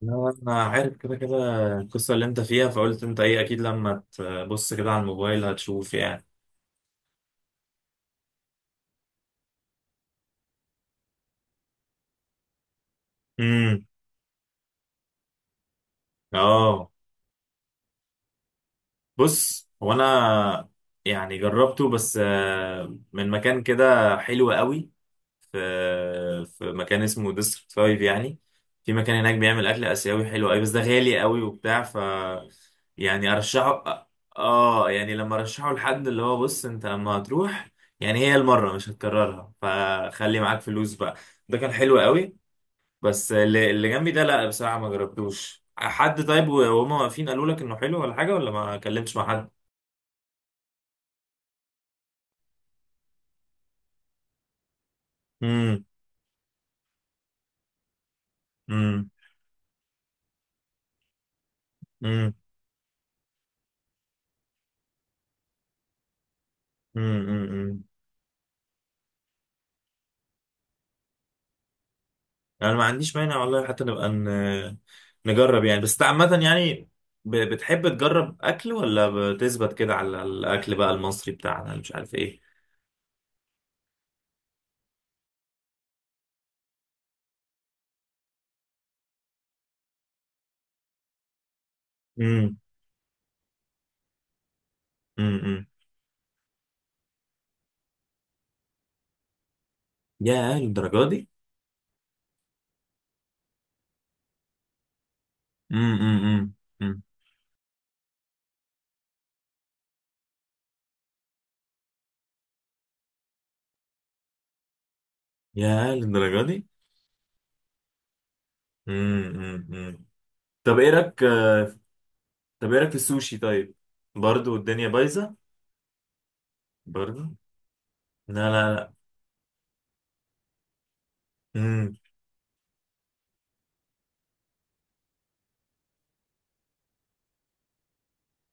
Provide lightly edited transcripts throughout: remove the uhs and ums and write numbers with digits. لا، انا عارف كده كده. القصه اللي انت فيها، فقلت انت ايه، اكيد لما تبص كده على الموبايل هتشوف يعني. امم اه، بص هو انا، يعني جربته، بس من مكان كده حلو قوي. في في مكان اسمه ديستريكت 5 يعني. في مكان هناك بيعمل اكل اسيوي حلو قوي، بس ده غالي قوي وبتاع ف يعني ارشحه. اه يعني لما ارشحه لحد اللي هو بص انت لما هتروح، يعني هي المره مش هتكررها فخلي معاك فلوس بقى. ده كان حلو قوي. بس اللي جنبي ده، لا بصراحه ما جربتوش. حد طيب وهم واقفين قالوا لك انه حلو ولا حاجه؟ ولا ما كلمتش مع حد؟ امم، امم، امم. يعني انا ما عنديش مانع والله، حتى نبقى نجرب يعني. بس عامة يعني بتحب تجرب اكل ولا بتثبت كده على الاكل بقى المصري بتاعنا اللي مش عارف ايه؟ امم، امم. يا للدرجة دي. امم، امم، امم. يا للدرجة دي. امم، امم. طب ايه رايك؟ طب ايه رايك في السوشي طيب؟ برضو الدنيا بايظة. برضو. لا لا لا. امم،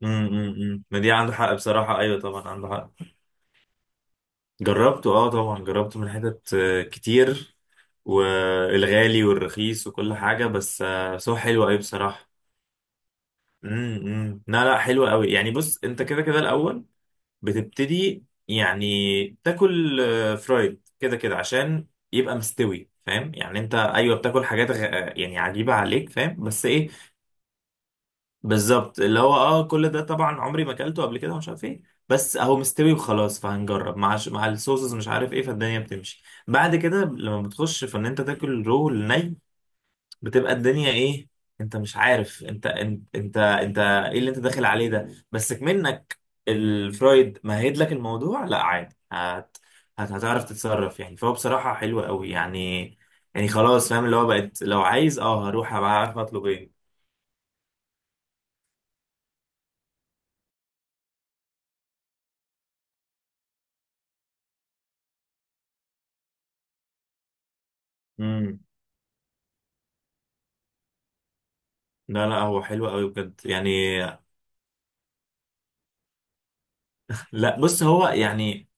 امم، امم، ما دي عنده حق بصراحة. ايوه طبعا عنده حق. جربته، اه طبعا جربته من حتت كتير، والغالي والرخيص وكل حاجة. بس بس هو حلو قوي بصراحة. امم، لا لا، حلو قوي يعني. بص انت كده كده الأول بتبتدي يعني تاكل فرايد كده كده عشان يبقى مستوي، فاهم يعني. انت ايوه بتاكل حاجات غ... آه، يعني عجيبة عليك فاهم، بس ايه بالظبط اللي هو اه. كل ده طبعا عمري ما اكلته قبل كده ومش عارف ايه. بس اهو مستوي وخلاص، فهنجرب مع مع الصوصز مش عارف ايه، فالدنيا بتمشي بعد كده. لما بتخش في ان انت تاكل رو ني بتبقى الدنيا ايه؟ انت مش عارف انت ايه اللي انت داخل عليه ده، بس منك الفرايد مهد لك الموضوع. لا عادي، هتعرف تتصرف يعني، فهو بصراحة حلو قوي يعني. يعني خلاص فاهم اللي هو بقت لو عايز اه هروح ابقى عارف اطلب ايه. لا لا، هو حلو قوي بجد يعني. لا بص، هو يعني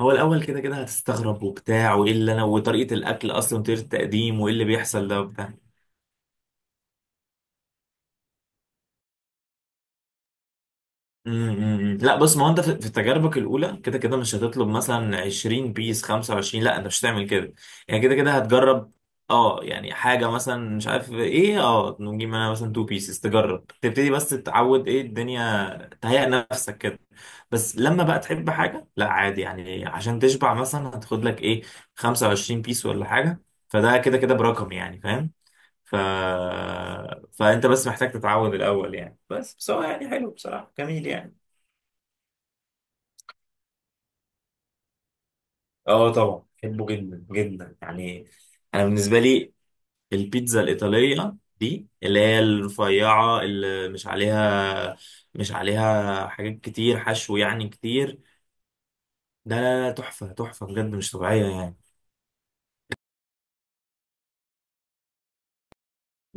هو الاول كده كده هتستغرب وبتاع، وايه اللي انا وطريقه الاكل اصلا وطريقه التقديم وايه اللي بيحصل ده وبتاع. أمم، أمم. لا بص، ما هو انت في تجاربك الاولى كده كده مش هتطلب مثلا 20 بيس 25، لا انت مش هتعمل كده. يعني كده كده هتجرب اه، يعني حاجه مثلا مش عارف ايه. اه نجيب انا مثلا 2 بيسز، تجرب تبتدي بس تتعود ايه الدنيا، تهيأ نفسك كده. بس لما بقى تحب حاجة، لا عادي يعني، عشان تشبع مثلا هتاخد لك ايه 25 بيس ولا حاجة. فده كده كده برقم يعني، فاهم. ف... فانت بس محتاج تتعود الأول يعني. بس بس هو يعني حلو بصراحة، جميل يعني. اه طبعا بحبه جدا جدا يعني. انا بالنسبة لي البيتزا الإيطالية دي اللي هي الرفيعة اللي مش عليها، مش عليها حاجات كتير حشو يعني كتير. ده تحفة تحفة بجد، مش طبيعية يعني.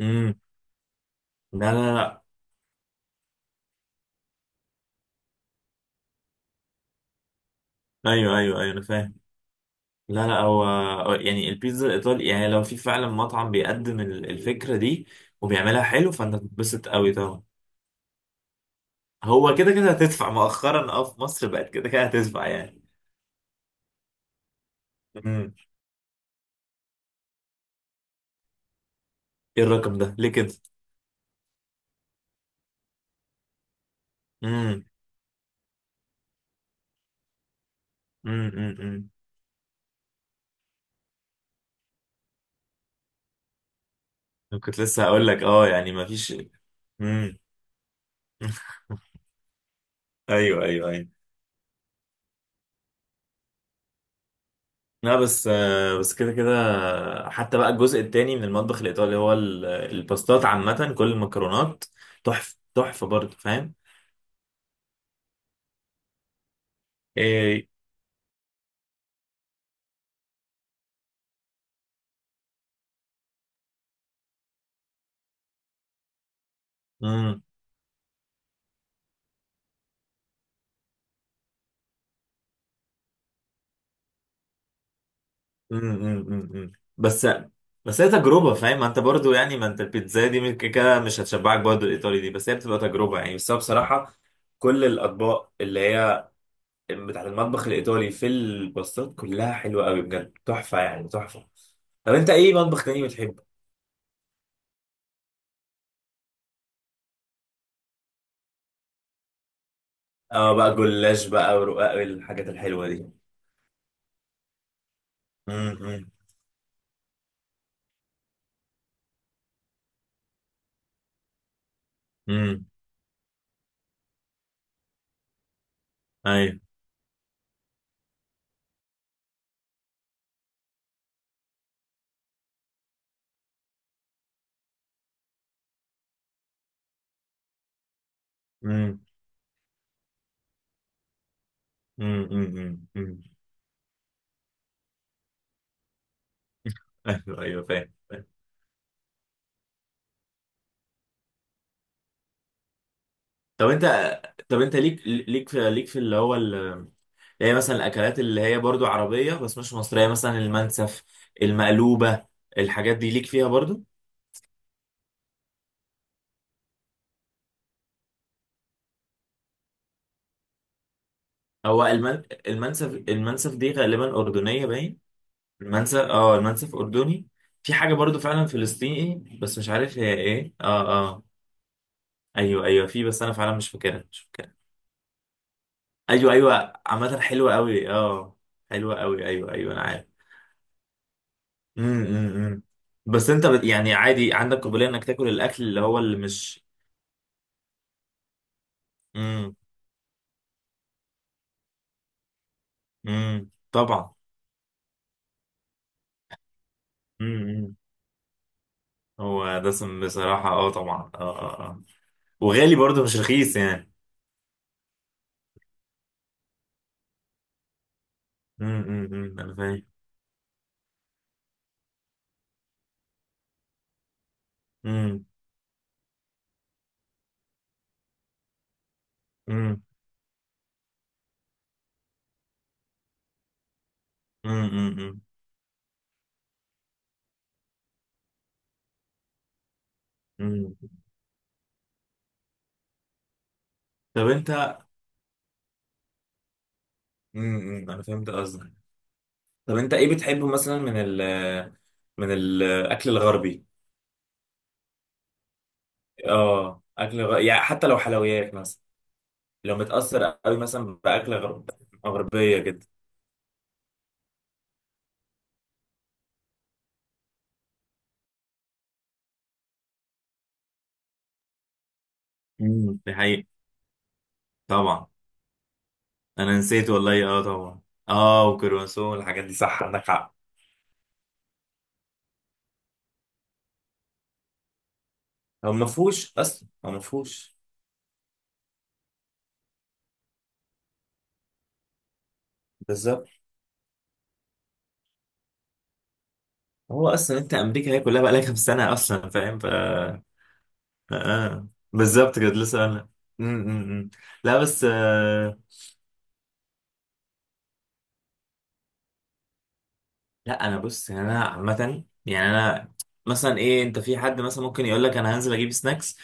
امم. لا لا لا. ايوه ايوه ايوه، انا فاهم. لا لا، هو هو يعني البيتزا الايطالي يعني لو في فعلا مطعم بيقدم الفكره دي وبيعملها حلو، فانت هتتبسط قوي طبعا. هو كده كده هتدفع، مؤخرا اه في مصر بقت كده كده هتدفع يعني. امم. ايه الرقم ده ليه كده؟ امم، امم، امم، أمم. كنت لسه هقول لك اه يعني ما فيش. امم. ايوه ايوه ايوه. لا بس بس كده كده حتى بقى الجزء التاني من المطبخ الإيطالي هو الباستات عامة، كل المكرونات تحفة تحفة برضه، فاهم. إيه. مم، مم، مم، مم، مم. بس بس هي تجربة فاهم. ما انت برضه يعني، ما انت البيتزا دي من كده كده مش هتشبعك برضه الإيطالي دي، بس هي بتبقى تجربة يعني. بس أنا بصراحة كل الأطباق اللي هي بتاعت المطبخ الإيطالي في الباستات كلها حلوة قوي بجد، تحفة يعني تحفة. طب انت ايه مطبخ تاني بتحبه؟ اه بقى، جلاش بقى، ورقاق، الحاجات الحلوة دي. امم، امم. ايوه. امم، امم، امم. ايوه ايوه فاهم فاهم. طب انت، طب انت ليك ليك في ليك في اللي هو هي مثلا الاكلات اللي هي برضو عربية بس مش مصرية، مثلا المنسف، المقلوبة، الحاجات دي ليك فيها برضو؟ هو المنسف المنسف دي غالبا أردنية باين. المنسف، اه المنسف أردني. في حاجة برضو فعلا فلسطيني بس مش عارف هي ايه، اه آه. ايوه ايوه، في، بس انا فعلا مش فاكرها مش فاكرها. ايوه ايوه عامه حلوه قوي اه. حلوه قوي ايوه ايوه، انا عارف. امم، امم، إمم. بس انت يعني عادي عندك قابليه انك تاكل الاكل اللي هو اللي مش؟ امم، امم، طبعا. امم، إمم. هو دسم بصراحه، اه طبعا، اه اه اه. وغالي برضه مش رخيص يعني. امم، امم، إمم، انا فاهم. امم، امم، امم، امم، إمم. طب انت؟ امم، إمم، انا فهمت قصدك. طب انت ايه بتحبه مثلا من ال، من الاكل الغربي؟ اه اكل يعني حتى لو حلويات مثلا، لو متأثر قوي مثلا غربية جدا. امم، دي حقيقة. طبعا. انا نسيت والله، اه طبعا. اه وكرواسون والحاجات دي، صح عندك حق. هو ما فيهوش اصلا، هو ما فيهوش. بالظبط. هو اصلا انت، امريكا هي كلها بقى لها كام سنة اصلا، فاهم ف آه. آه، بالظبط كده لسه انا. امم. لا بس آه... لا انا بص، يعني انا عامة يعني انا مثلا ايه. انت في حد مثلا ممكن يقول لك انا هنزل اجيب سناكس،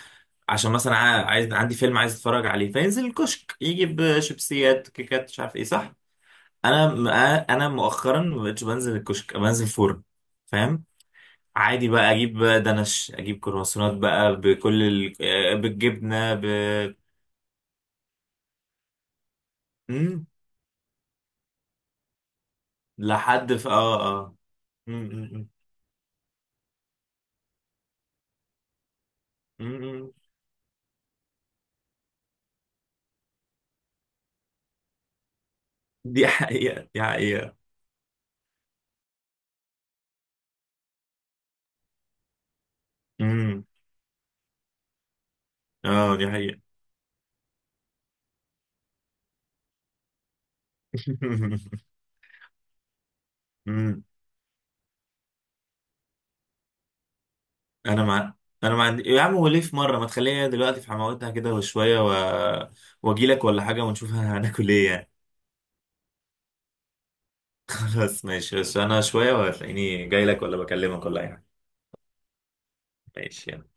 عشان مثلا عايز عندي فيلم عايز اتفرج عليه، فينزل الكشك يجيب شيبسيات كيكات مش عارف ايه، صح. انا م- انا مؤخرا ما بقتش بنزل الكشك، بنزل فرن فاهم. عادي بقى، اجيب دنش، اجيب كرواسونات بقى بكل ال... آه، بالجبنه ب. مم. لحد في، اه اه. مم، مم، مم. مم، مم. دي حقيقه دي حقيقه. مم. اه دي حقيقه. مم. انا مع، انا مع يا عم. وليه في مره ما تخليها دلوقتي في حماوتها كده وشويه و... واجي لك ولا حاجه ونشوفها؟ هناكل ايه يعني؟ خلاص ماشي، بس انا شويه وهتلاقيني جاي لك، ولا بكلمك ولا اي حاجه. ماشي يلا.